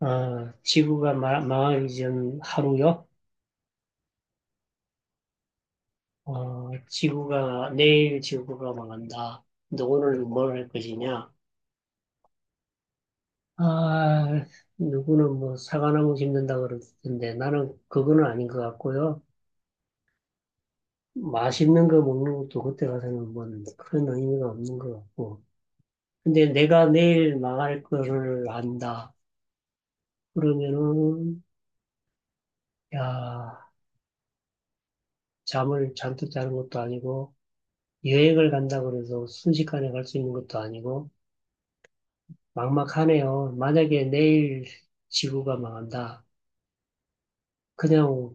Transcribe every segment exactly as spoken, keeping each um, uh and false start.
아, 지구가 마- 망하기 전 하루요? 어, 지구가, 내일 지구가 망한다. 너 오늘 뭘 할 것이냐? 아, 누구는 뭐 사과나무 심는다 그러던데 나는 그거는 아닌 것 같고요. 맛있는 거 먹는 것도 그때 가서는 뭐 그런 의미가 없는 것 같고. 근데 내가 내일 망할 거를 안다. 그러면은, 야, 잠을 잔뜩 자는 것도 아니고, 여행을 간다 그래서 순식간에 갈 수 있는 것도 아니고, 막막하네요. 만약에 내일 지구가 망한다. 그냥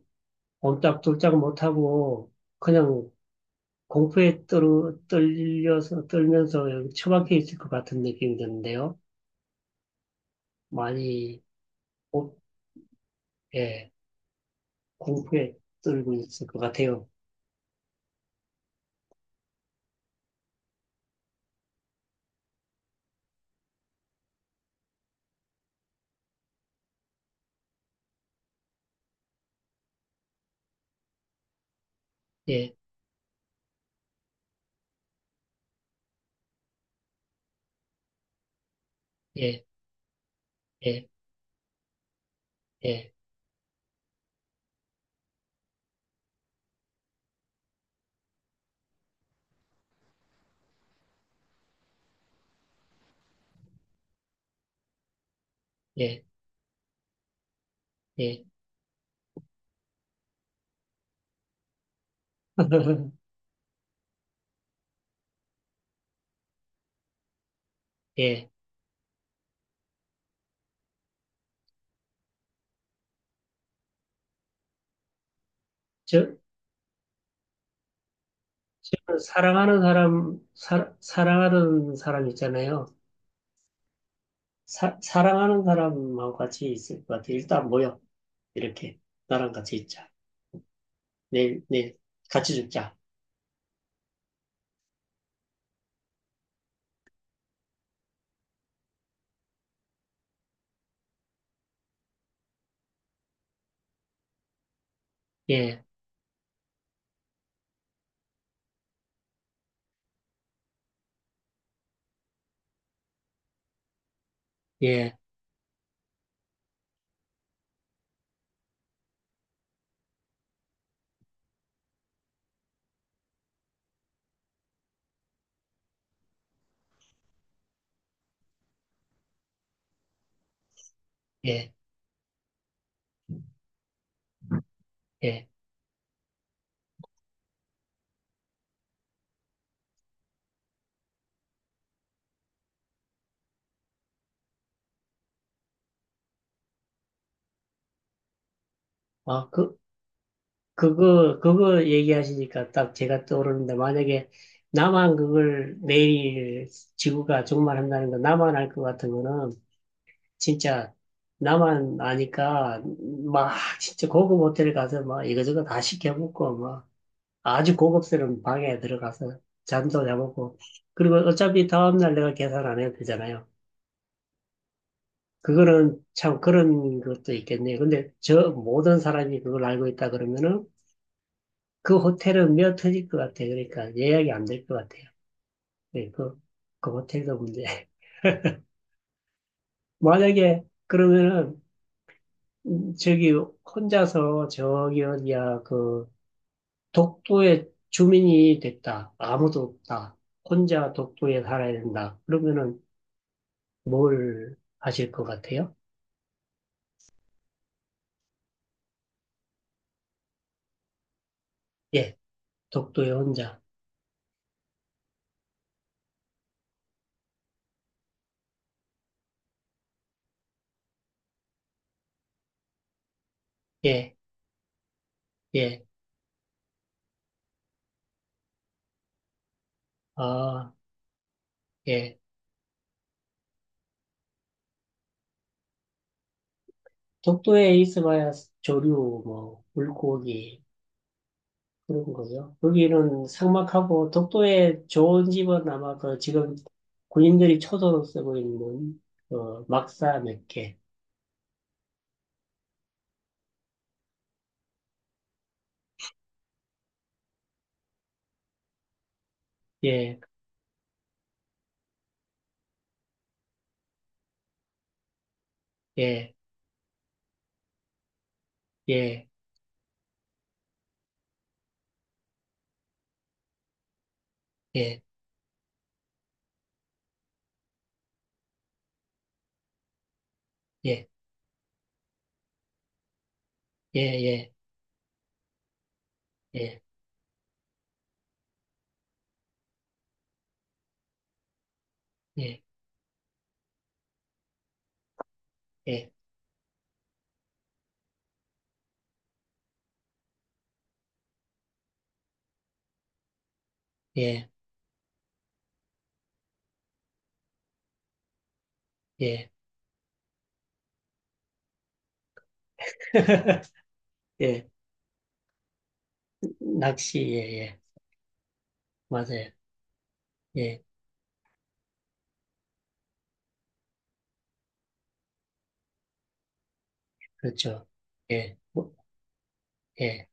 옴짝돌짝 못하고 그냥 공포에 떨, 떨려서, 떨면서 여기 처박혀 있을 것 같은 느낌이 드는데요. 많이, 오, 예, 공포에 떨고 있을 것 같아요. 예, 예, 예, 예, 예, 예. 예. 저, 저 사랑하는 사람, 사, 사랑하는 사람 있잖아요. 사, 사랑하는 사람하고 같이 있을 것 같아. 일단 모여. 이렇게. 나랑 같이 있자. 내일, 내일 같이 죽자. 예, 예, 예, 예. 아, 그, 그거, 그거 얘기하시니까 딱 제가 떠오르는데, 만약에 나만 그걸 내일 지구가 종말한다는 거 나만 알 것 같으면은, 진짜 나만 아니까 막 진짜 고급 호텔 가서 막 이거저거 다 시켜 먹고 막 아주 고급스러운 방에 들어가서 잠도 자보고 그리고 어차피 다음날 내가 계산 안 해도 되잖아요. 그거는 참 그런 것도 있겠네요. 근데 저 모든 사람이 그걸 알고 있다 그러면은 그 호텔은 몇어 터질 것 같아요. 그러니까 예약이 안 될 것 같아요. 네, 그, 그 호텔도 문제. 만약에 그러면은 음, 저기 혼자서 저기 어디야 그 독도의 주민이 됐다. 아무도 없다. 혼자 독도에 살아야 된다. 그러면은 뭘 하실 것 같아요? 예, 독도의 혼자. 예, 예, 아, 예. 독도에 있어봐야 조류, 뭐, 물고기, 그런 거요. 여기는 삭막하고, 독도에 좋은 집은 아마 그 지금 군인들이 초도로 쓰고 있는, 어, 막사 몇 개. 예, 예, 예, 예, 예, 예, 예, 예, 예, 예, 예, 예. 예, 낚시, 예, 예. 맞아요. 예. 그렇죠. 예, 뭐, 예.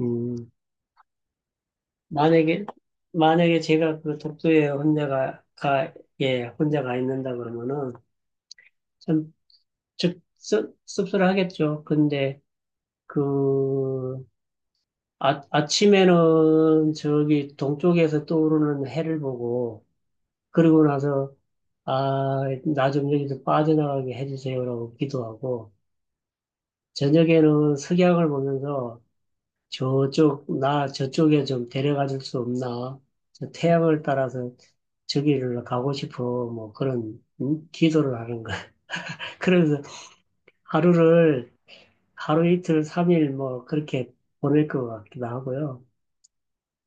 음, 만약에, 만약에 제가 그 독도에 혼자가, 가, 예, 혼자 가 있는다 그러면은 참 즉, 씁- 씁쓸하겠죠. 근데 그, 아, 아침에는 저기 동쪽에서 떠오르는 해를 보고, 그러고 나서, 아, 나 좀 여기서 빠져나가게 해주세요라고 기도하고, 저녁에는 석양을 보면서 저쪽, 나 저쪽에 좀 데려가 줄 수 없나? 저 태양을 따라서 저기를 가고 싶어. 뭐 그런, 음? 기도를 하는 거야. 그래서 하루를, 하루 이틀, 삼일 뭐 그렇게 보낼 것 같기도 하고요.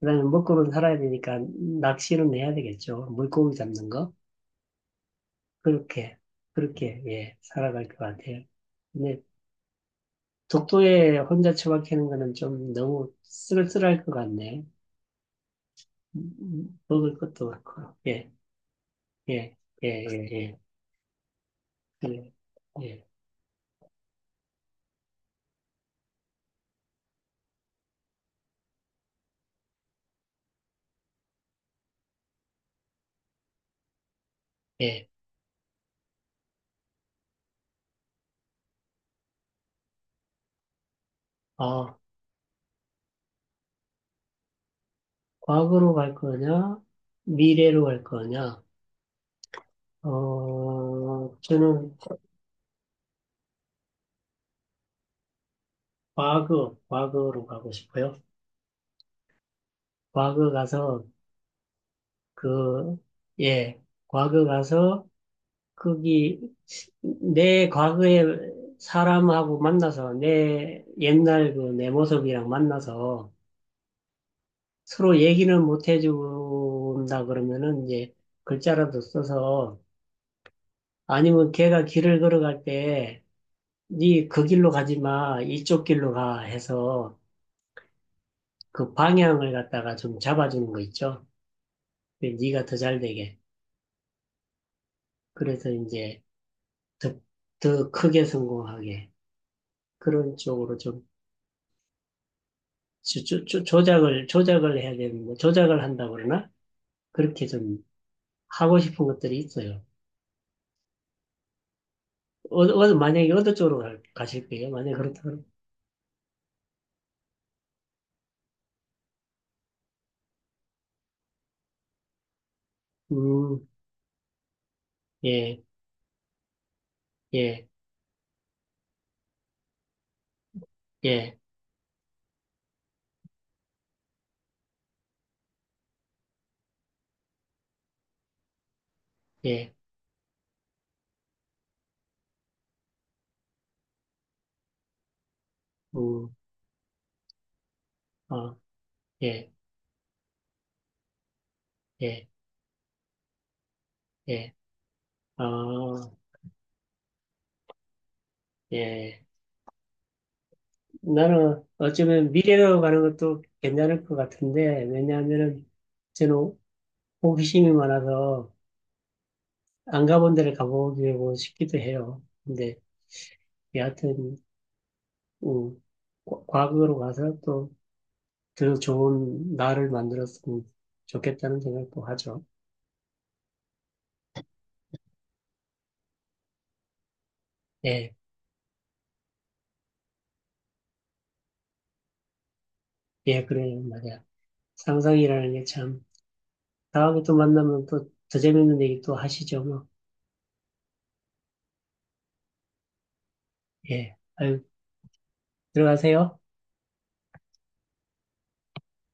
그다음에 먹고는 살아야 되니까 낚시는 해야 되겠죠. 물고기 잡는 거. 그렇게, 그렇게, 예, 살아갈 것 같아요. 근데 독도에 혼자 처박히는 거는 좀 너무 쓸쓸할 것 같네. 음, 음, 먹을 것도 없고, 예. 예, 예, 예, 예, 예, 예, 예. 아, 과거로 갈 거냐, 미래로 갈 거냐? 어, 저는 과거, 과거로 가고 싶어요. 과거 가서 그, 예, 과거 가서 거기 내 과거의 사람하고 만나서 내 옛날 그 내 모습이랑 만나서 서로 얘기는 못 해준다 그러면은 이제 글자라도 써서 아니면 걔가 길을 걸어갈 때, 니 그 길로 가지 마, 이쪽 길로 가 해서 그 방향을 갖다가 좀 잡아주는 거 있죠? 네, 니가 더 잘 되게. 그래서 이제 더, 더 크게 성공하게. 그런 쪽으로 좀 조, 조, 조- 조작을, 조작을 해야 되는, 뭐 조작을 한다 그러나? 그렇게 좀 하고 싶은 것들이 있어요. 어, 어, 만약에 어느 쪽으로 갈- 가실 거예요? 만약에 그렇다면, 음, 예, 예, 예, 예, 음, 어, 예, 예. 예. 아, 예. 나는 어쩌면 미래로 가는 것도 괜찮을 것 같은데, 왜냐하면은 저는 호기심이 많아서 안 가본 데를 가보고 싶기도 해요. 근데 여하튼, 음, 과- 과거로 가서 또 더 좋은 나를 만들었으면 좋겠다는 생각도 하죠. 예, 예, 그래요, 말이야. 상상이라는 게 참, 다음에 또 만나면 또 더 재밌는 얘기 또 하시죠, 뭐. 예, 아유, 들어가세요.